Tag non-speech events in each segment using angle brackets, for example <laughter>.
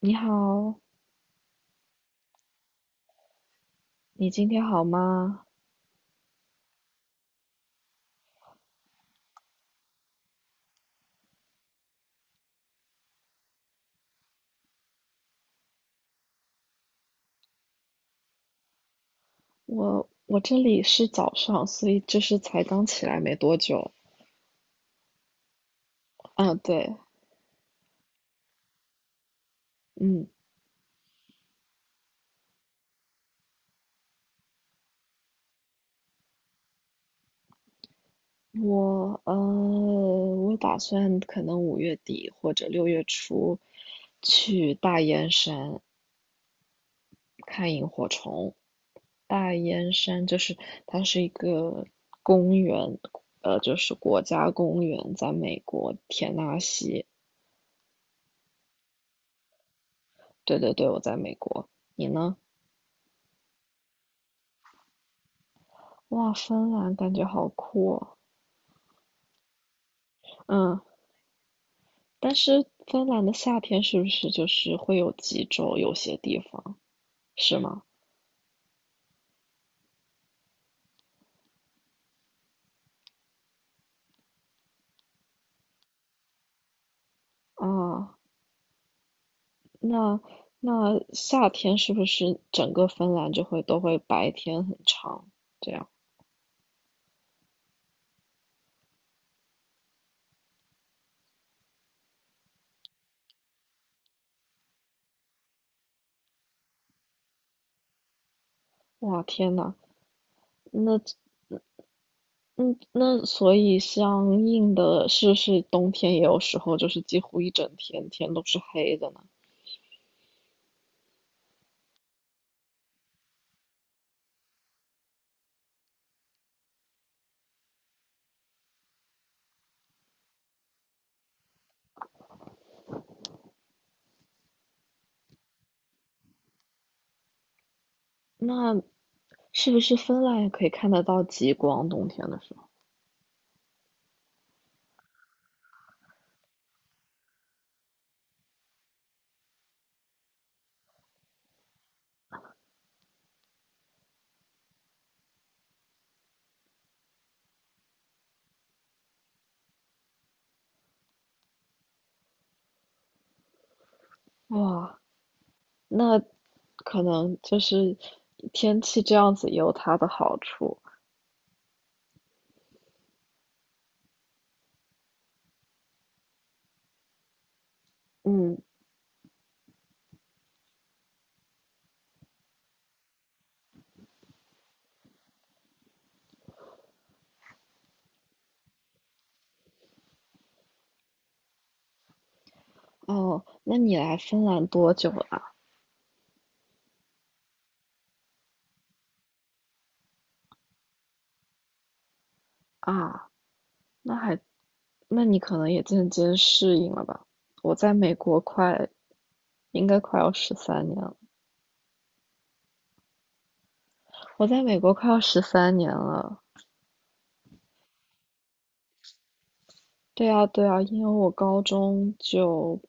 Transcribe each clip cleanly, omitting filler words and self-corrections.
你好，你今天好吗？我这里是早上，所以就是才刚起来没多久。啊，对，嗯，我打算可能5月底或者6月初去大燕山看萤火虫。大燕山就是它是一个公园，就是国家公园，在美国田纳西。对对对，我在美国，你呢？哇，芬兰感觉好酷哦。嗯，但是芬兰的夏天是不是就是会有极昼？有些地方是吗？啊，那那夏天是不是整个芬兰就会都会白天很长？这样，哇，天呐，那嗯，那所以相应的是不是冬天也有时候就是几乎一整天天都是黑的呢？那是不是芬兰也可以看得到极光？冬天的时候，哇。那可能就是天气这样子也有它的好处。嗯，哦，那你来芬兰多久了啊？啊那还，那你可能也渐渐适应了吧？我在美国快，应该快要十三年了。我在美国快要十三年了。对啊，对啊，因为我高中就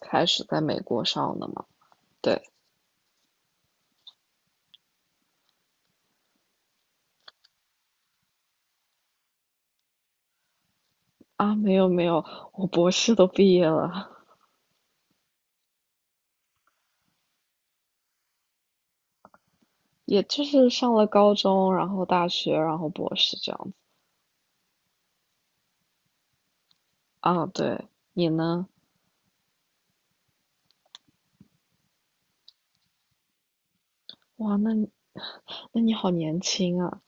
开始在美国上的嘛。对啊，没有没有，我博士都毕业了。也就是上了高中，然后大学，然后博士这样子啊。对，你呢？哇，那你 <laughs> 那你好年轻啊。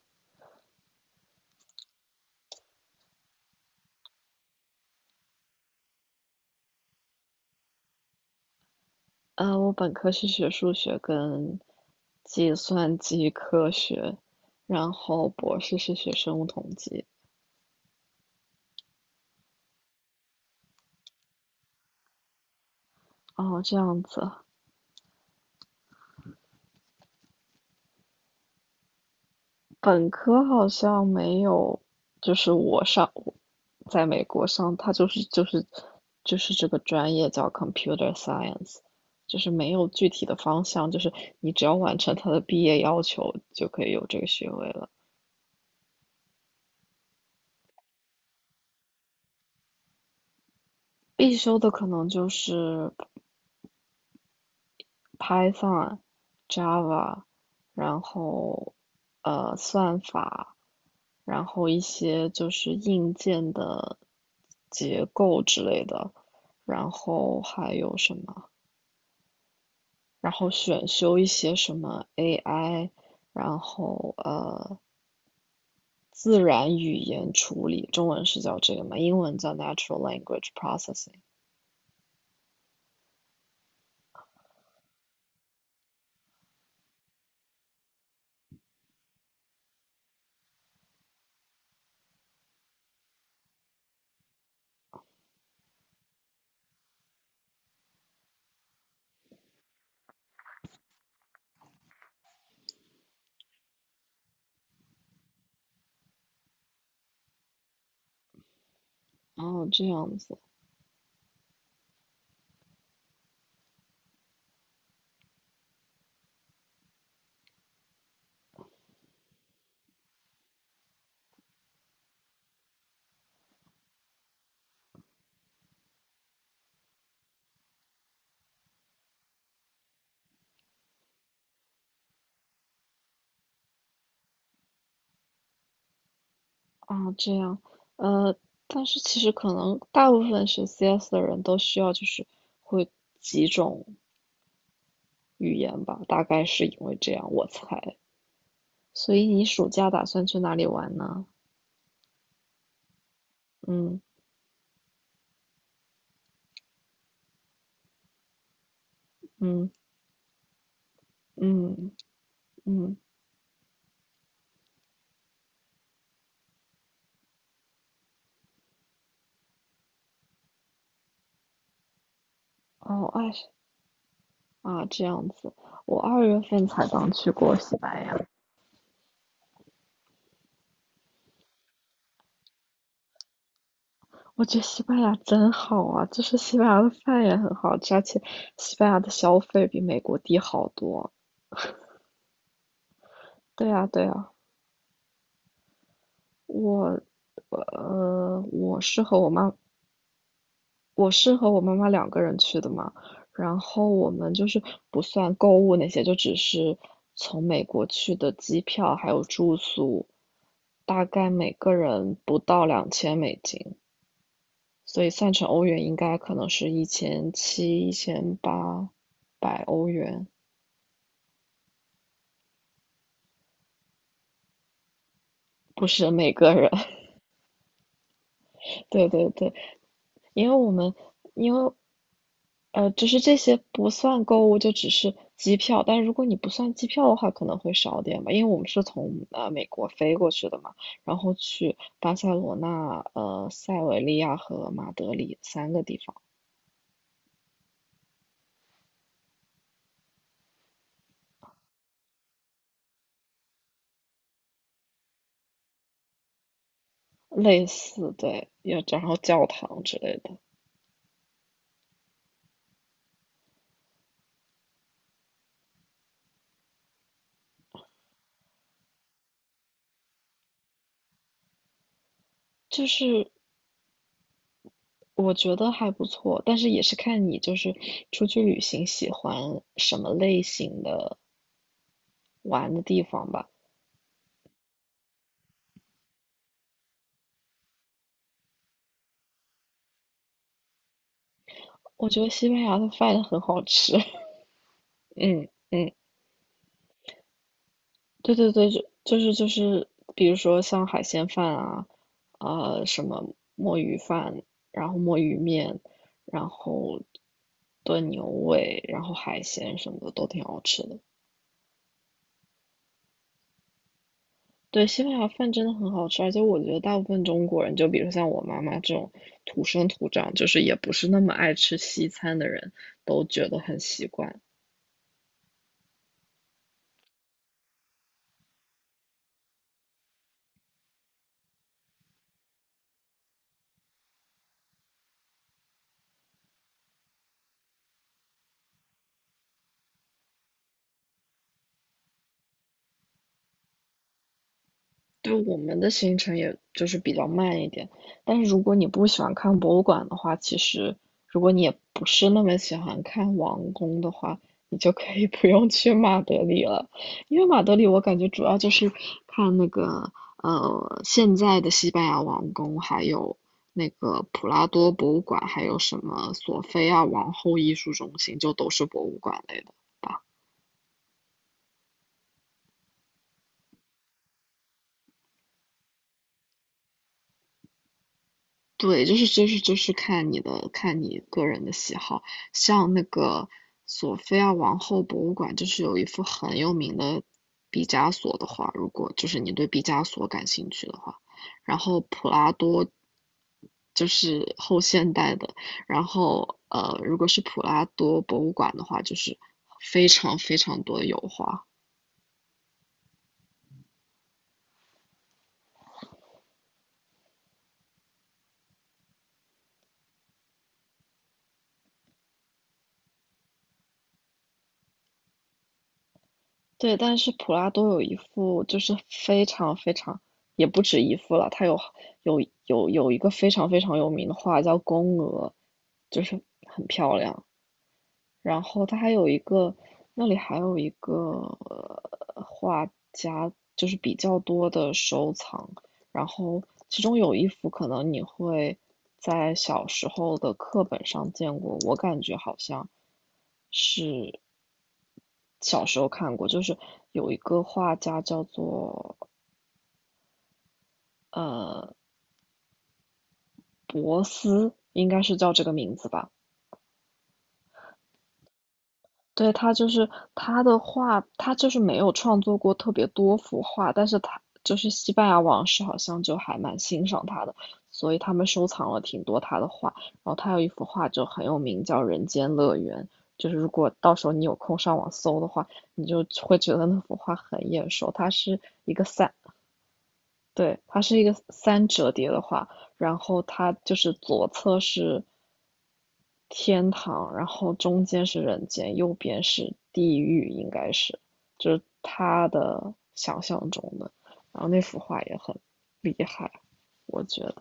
我本科是学数学跟计算机科学，然后博士是学生物统计。哦，这样子。本科好像没有，就是我在美国上，它就是这个专业叫 computer science，就是没有具体的方向，就是你只要完成它的毕业要求就可以有这个学位了。必修的可能就是 Python、Java，然后算法，然后一些就是硬件的结构之类的，然后还有什么，然后选修一些什么 AI，然后自然语言处理，中文是叫这个嘛，英文叫 Natural Language Processing。哦，这样子啊，这样，呃，但是其实可能大部分学 CS 的人都需要就是会几种语言吧，大概是因为这样，我才。所以你暑假打算去哪里玩呢？嗯嗯嗯嗯，哦，二啊，这样子，我2月份才刚去过西班牙，我觉得西班牙真好啊，就是西班牙的饭也很好吃，而且西班牙的消费比美国低好多。对啊，对啊，我，呃，我是和我妈我是和我妈妈两个人去的嘛，然后我们就是不算购物那些，就只是从美国去的机票还有住宿，大概每个人不到$2000，所以算成欧元应该可能是1700、1800欧元，不是每个人。<laughs> 对对对，因为我们因为只是这些不算购物，就只是机票。但如果你不算机票的话，可能会少点吧，因为我们是从美国飞过去的嘛，然后去巴塞罗那、塞维利亚和马德里三个地方，类似对，要然后教堂之类的，就是我觉得还不错，但是也是看你就是出去旅行喜欢什么类型的玩的地方吧。我觉得西班牙的饭很好吃。嗯嗯，对对对，就是，比如说像海鲜饭啊，什么墨鱼饭，然后墨鱼面，然后炖牛尾，然后海鲜什么的都挺好吃的。对，西班牙饭真的很好吃，而且我觉得大部分中国人，就比如像我妈妈这种土生土长，就是也不是那么爱吃西餐的人，都觉得很习惯。对我们的行程也就是比较慢一点，但是如果你不喜欢看博物馆的话，其实如果你也不是那么喜欢看王宫的话，你就可以 <laughs> 不用去马德里了，因为马德里我感觉主要就是看那个现在的西班牙王宫，还有那个普拉多博物馆，还有什么索菲亚王后艺术中心，就都是博物馆类的。对，就是看你个人的喜好，像那个索菲亚王后博物馆，就是有一幅很有名的毕加索的画，如果就是你对毕加索感兴趣的话，然后普拉多就是后现代的，然后如果是普拉多博物馆的话，就是非常非常多的油画。对，但是普拉多有一幅，就是非常非常，也不止一幅了，他有一个非常非常有名的画叫《宫娥》，就是很漂亮。然后它还有一个，那里还有一个、呃、画家，就是比较多的收藏。然后其中有一幅可能你会在小时候的课本上见过，我感觉好像是小时候看过，就是有一个画家叫做呃博斯，应该是叫这个名字吧。对，他就是他的画，他就是没有创作过特别多幅画，但是他就是西班牙王室好像就还蛮欣赏他的，所以他们收藏了挺多他的画。然后他有一幅画就很有名，叫《人间乐园》，就是如果到时候你有空上网搜的话，你就会觉得那幅画很眼熟。它是一个三对，它是一个三折叠的画，然后它就是左侧是天堂，然后中间是人间，右边是地狱，应该是，就是他的想象中的。然后那幅画也很厉害，我觉得。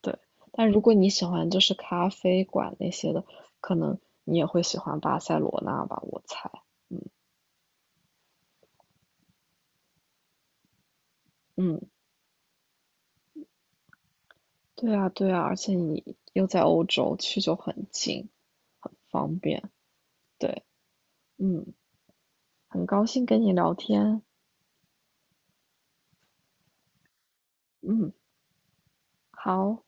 对，但如果你喜欢就是咖啡馆那些的，可能你也会喜欢巴塞罗那吧，我猜。嗯嗯。对啊，对啊，而且你又在欧洲，去就很近，很方便。对，嗯，很高兴跟你聊天。嗯，好。